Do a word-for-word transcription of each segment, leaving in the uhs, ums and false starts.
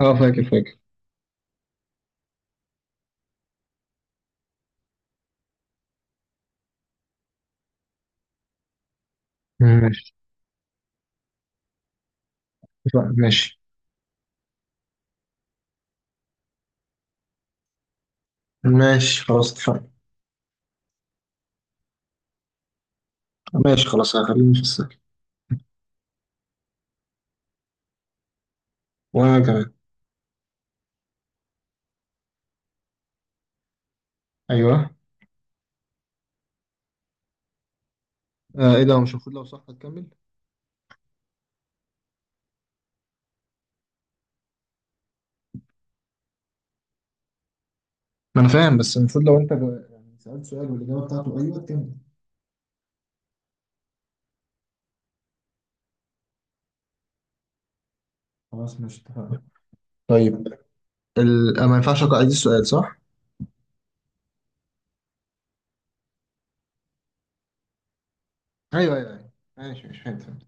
اه، فاكر فاكر. ماشي. لا، ماشي. ماشي خلاص، اتفقنا. ماشي خلاص، هخليني في السهل. وانا كمان. ايوه. آه، ايه ده؟ هو مش المفروض لو صح هتكمل. ما انا فاهم، بس المفروض لو انت جا- يعني سألت سؤال والاجابه بتاعته ايوه تكمل. خلاص ماشي اتفقنا. طيب، ال... آه، ما ينفعش اقرا عيد السؤال صح؟ ايوه ايوه ايوه. ماشي ماشي، فهمت فهمت.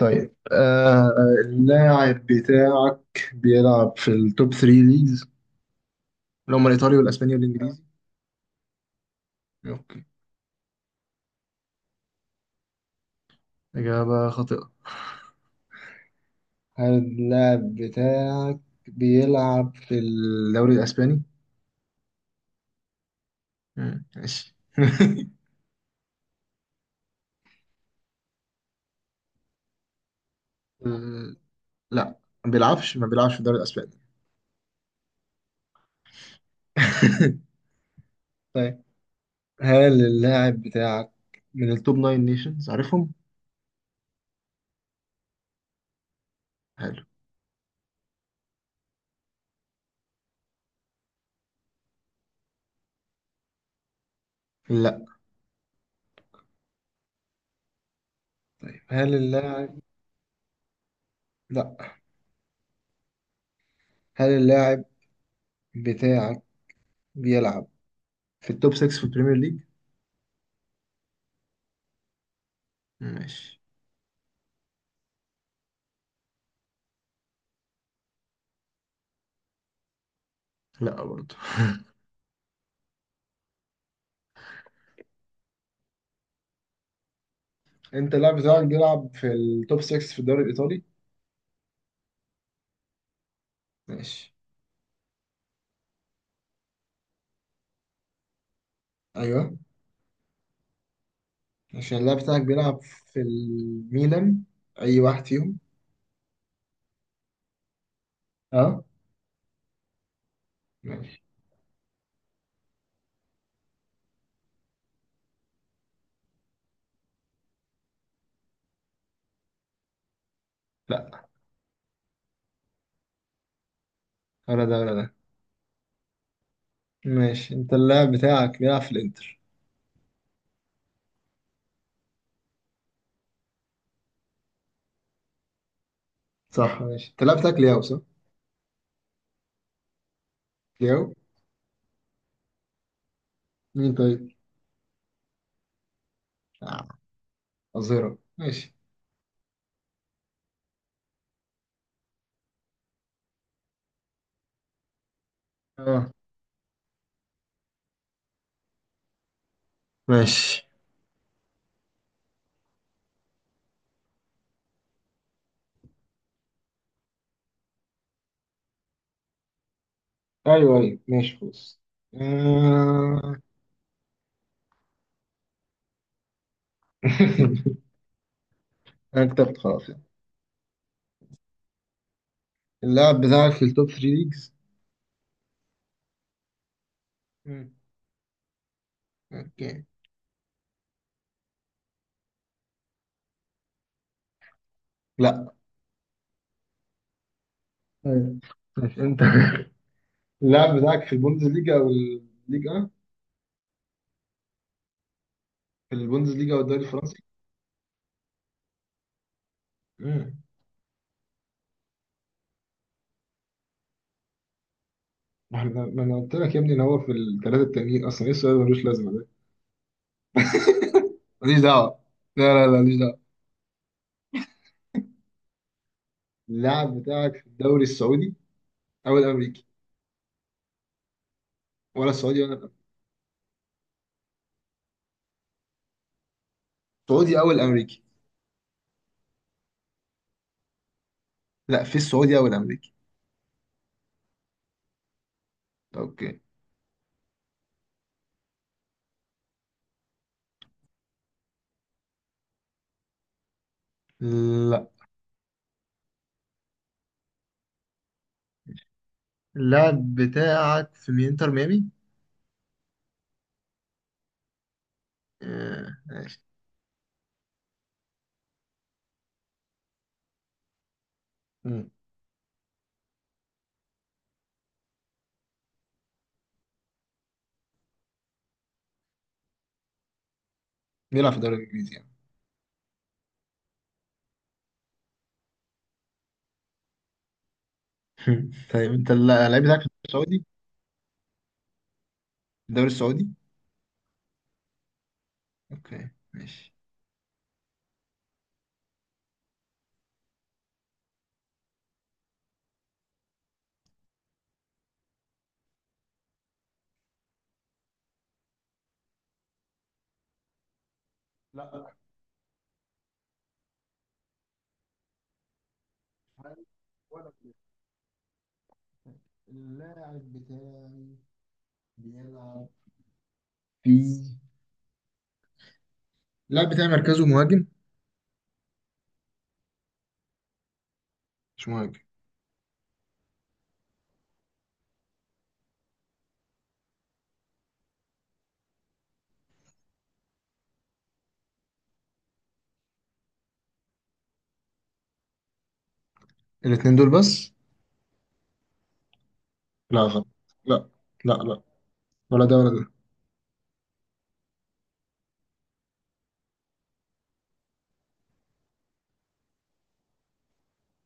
طيب، آه اللاعب بتاعك بيلعب في التوب تري ليجز، اللي هم الايطالي والاسباني والانجليزي. اوكي. اجابه خاطئه. هل اللاعب بتاعك بيلعب في الدوري الأسباني؟ مم، ماشي. آه، لا، ما بيلعبش ما بيلعبش في الدوري الأسباني. طيب، هل اللاعب بتاعك من التوب ناين نيشنز عارفهم؟ حلو. لا. طيب هل اللاعب. لا، هل اللاعب بتاعك بيلعب في التوب سيكس في البريمير ليج؟ ماشي. لا برضه. انت اللاعب بتاعك بيلعب في التوب سيكس في الدوري الإيطالي؟ ماشي. ايوه، عشان اللاعب بتاعك بيلعب في الميلان، أي واحد فيهم. أه. ماشي. لأ، ولا ده ولا ده. ماشي، أنت اللاعب بتاعك بيلعب في الإنتر. صح. ماشي، أنت اللاعب بتاعك لياو صح؟ لياو. مين طيب؟ آه. أظهرة، ماشي. أه. ماشي. أيوه أيوه، ماشي خلاص. آه. أنا كتبت خلاص يعني. اللاعب بتاعك في التوب تري ليجز. مم. أوكي. لأ. أيوه. ماشي أنت. اللاعب بتاعك في البوندس ليجا أو الليجا، في البوندسليجا والدوري الفرنسي. امم ما احنا ما انا قلت لك يا ابني ان هو في الثلاثه التانيين اصلا، ايه السؤال اللي ملوش لازمه ده؟ ماليش دعوه. لا لا لا، ماليش دعوه. اللاعب بتاعك في الدوري السعودي او الامريكي. ولا السعودي ولا الأمريكي. السعودي او الامريكي. لا، في السعودي او الامريكي. اوكي. لا، اللاعب بتاعك في مي- انتر ميامي. آه، ماشي. امم. بيلعب في الدوري الانجليزي يعني. طيب انت اللاعب بتاعك في الدوري السعودي. الدوري السعودي. اوكي ماشي. لا، اللاعب بتاعي بيلعب في اللاعب بتاعي مركزه مهاجم. مش مهاجم. الاتنين دول بس. لا، غلط. لا لا لا، ولا ده ولا ده.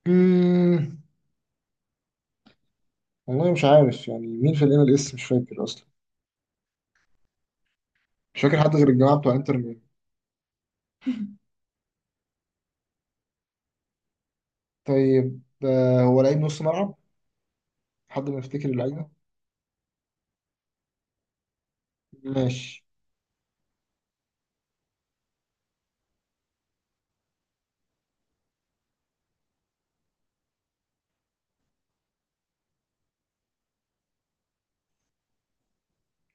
مم. والله مش عارف يعني مين في الام ال اس، مش فاكر اصلا. مش فاكر حد غير الجماعه بتوع انتر ميامي. طيب، آه، هو لعيب نص ملعب، حد ما يفتكر اللعيبه. ماشي.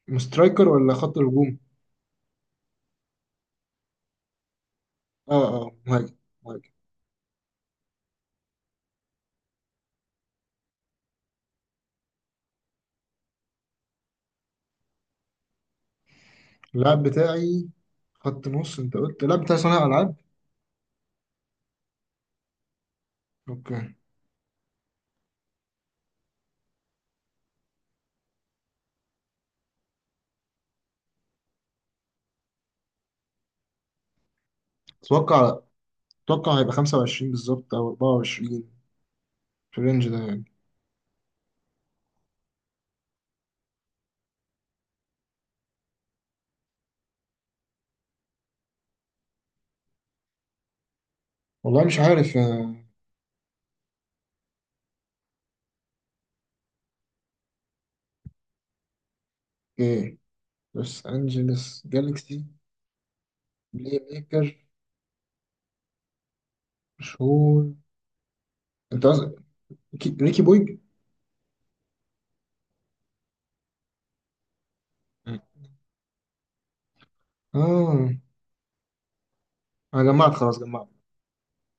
مسترايكر ولا خط هجوم. اه اه، مهاجم مهاجم. اللاعب بتاعي خط نص، انت قلت اللاعب بتاعي صانع العاب. اوكي. اتوقع اتوقع هيبقى خمسة وعشرين بالظبط او اربعة وعشرين، في الرينج ده يعني. والله مش عارف. آه، ايه. لوس انجلس جالكسي. بلاي ميكر مشهور. انت قصدك كي- ريكي بويج. اه، انا جمعت خلاص، جمعت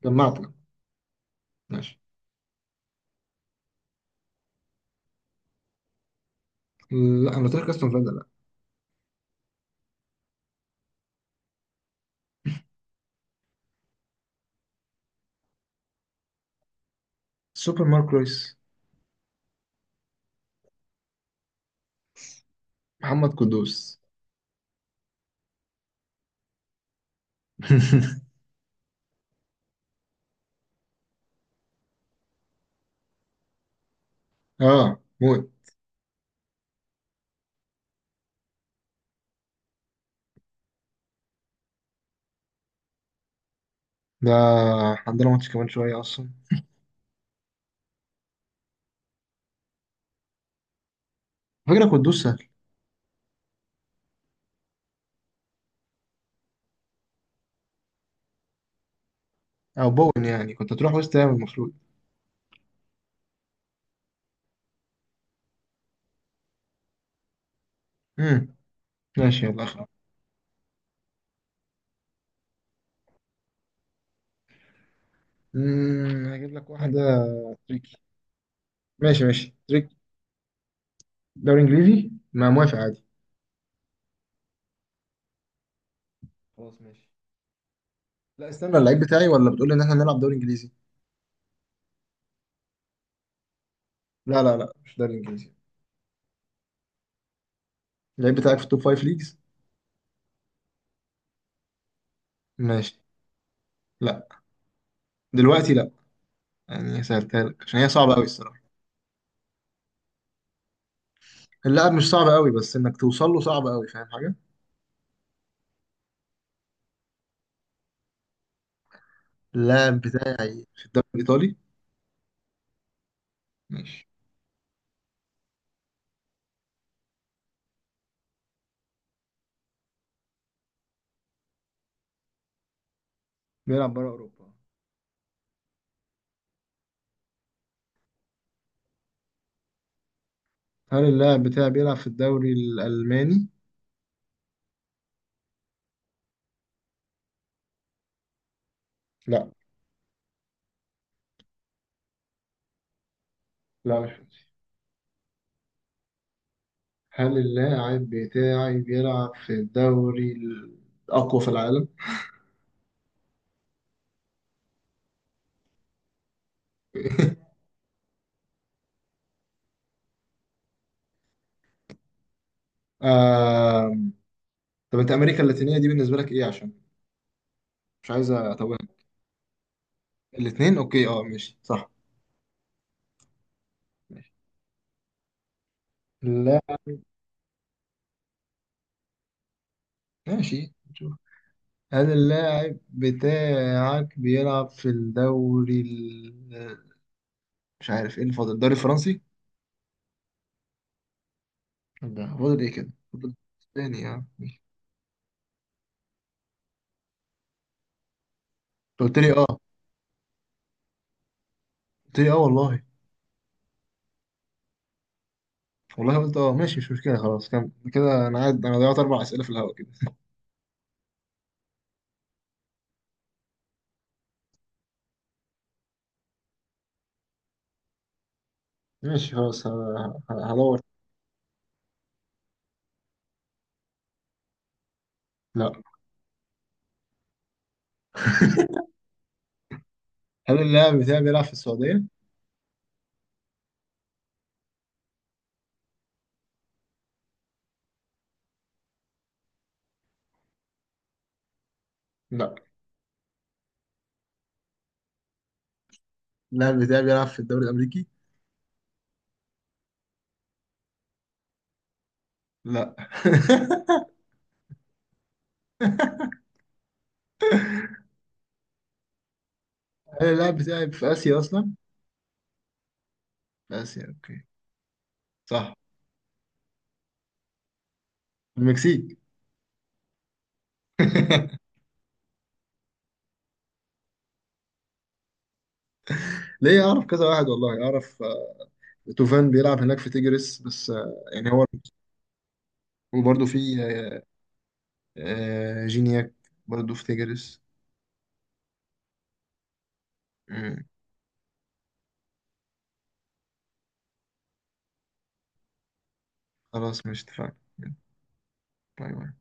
جمعت. ماشي. لا، انا قلت لك استون فيلا، لا. سوبر مارك رويس. محمد قدوس. اه، موت. ده عندنا ماتش كمان شويه اصلا. فكره قدوس سهل. او بون يعني، كنت هتروح وسط هام المفروض. امم. ماشي، يلا اخر. امم هجيب لك واحدة. تريكي. ماشي ماشي، تريكي. دوري انجليزي، ما موافق عادي. خلاص ماشي. لا استنى، اللعيب بتاعي ولا بتقول لي ان احنا نلعب دوري انجليزي. لا لا لا، مش دوري انجليزي. اللعيب بتاعك في التوب فايف ليجز. ماشي. لا دلوقتي، لا. يعني سهلتها لك عشان هي صعبة قوي الصراحة. اللاعب مش صعب قوي، بس انك توصل له صعب قوي. فاهم حاجة؟ اللاعب بتاعي في الدوري الايطالي. ماشي. بيلعب بره اوروبا. هل اللاعب بتاعي بيلعب في الدوري الالماني؟ لا. لا مش. هل اللاعب بتاعي بيلعب في الدوري الأقوى في العالم؟ آم... طب أنت أمريكا اللاتينية دي بالنسبة لك إيه؟ عشان مش عايز أتوهك. الاتنين. أوكي، أه ماشي صح. ماشي. لا ماشي، نشوف. هل اللاعب بتاعك بيلعب في الدوري ال... مش عارف إيه اللي فاضل، الدوري الفرنسي؟ لا. فاضل إيه كده؟ فاضل تاني يعني. ماشي. قلت لي أه. قلت لي أه والله. والله قلت أه. ماشي، مش مشكلة. خلاص كم كده، أنا قاعد أنا ضيعت أربع أسئلة في الهواء كده. ماشي خلاص. ه- ه- هدور. لا. هل اللاعب بتاعي بيلعب في السعودية؟ لا، اللاعب بتاعي بيلعب في الدوري الأمريكي؟ لا. هل اللاعب بتاعي في آسيا أصلا؟ في آسيا أوكي. صح. في المكسيك. ليه، أعرف كذا واحد والله، أعرف. آه، توفان بيلعب هناك في تيجرس بس. آه، يعني هو. وبرضه في آه، آه، جينياك برضه في تيجرس. مم، خلاص مش اتفقنا. باي باي.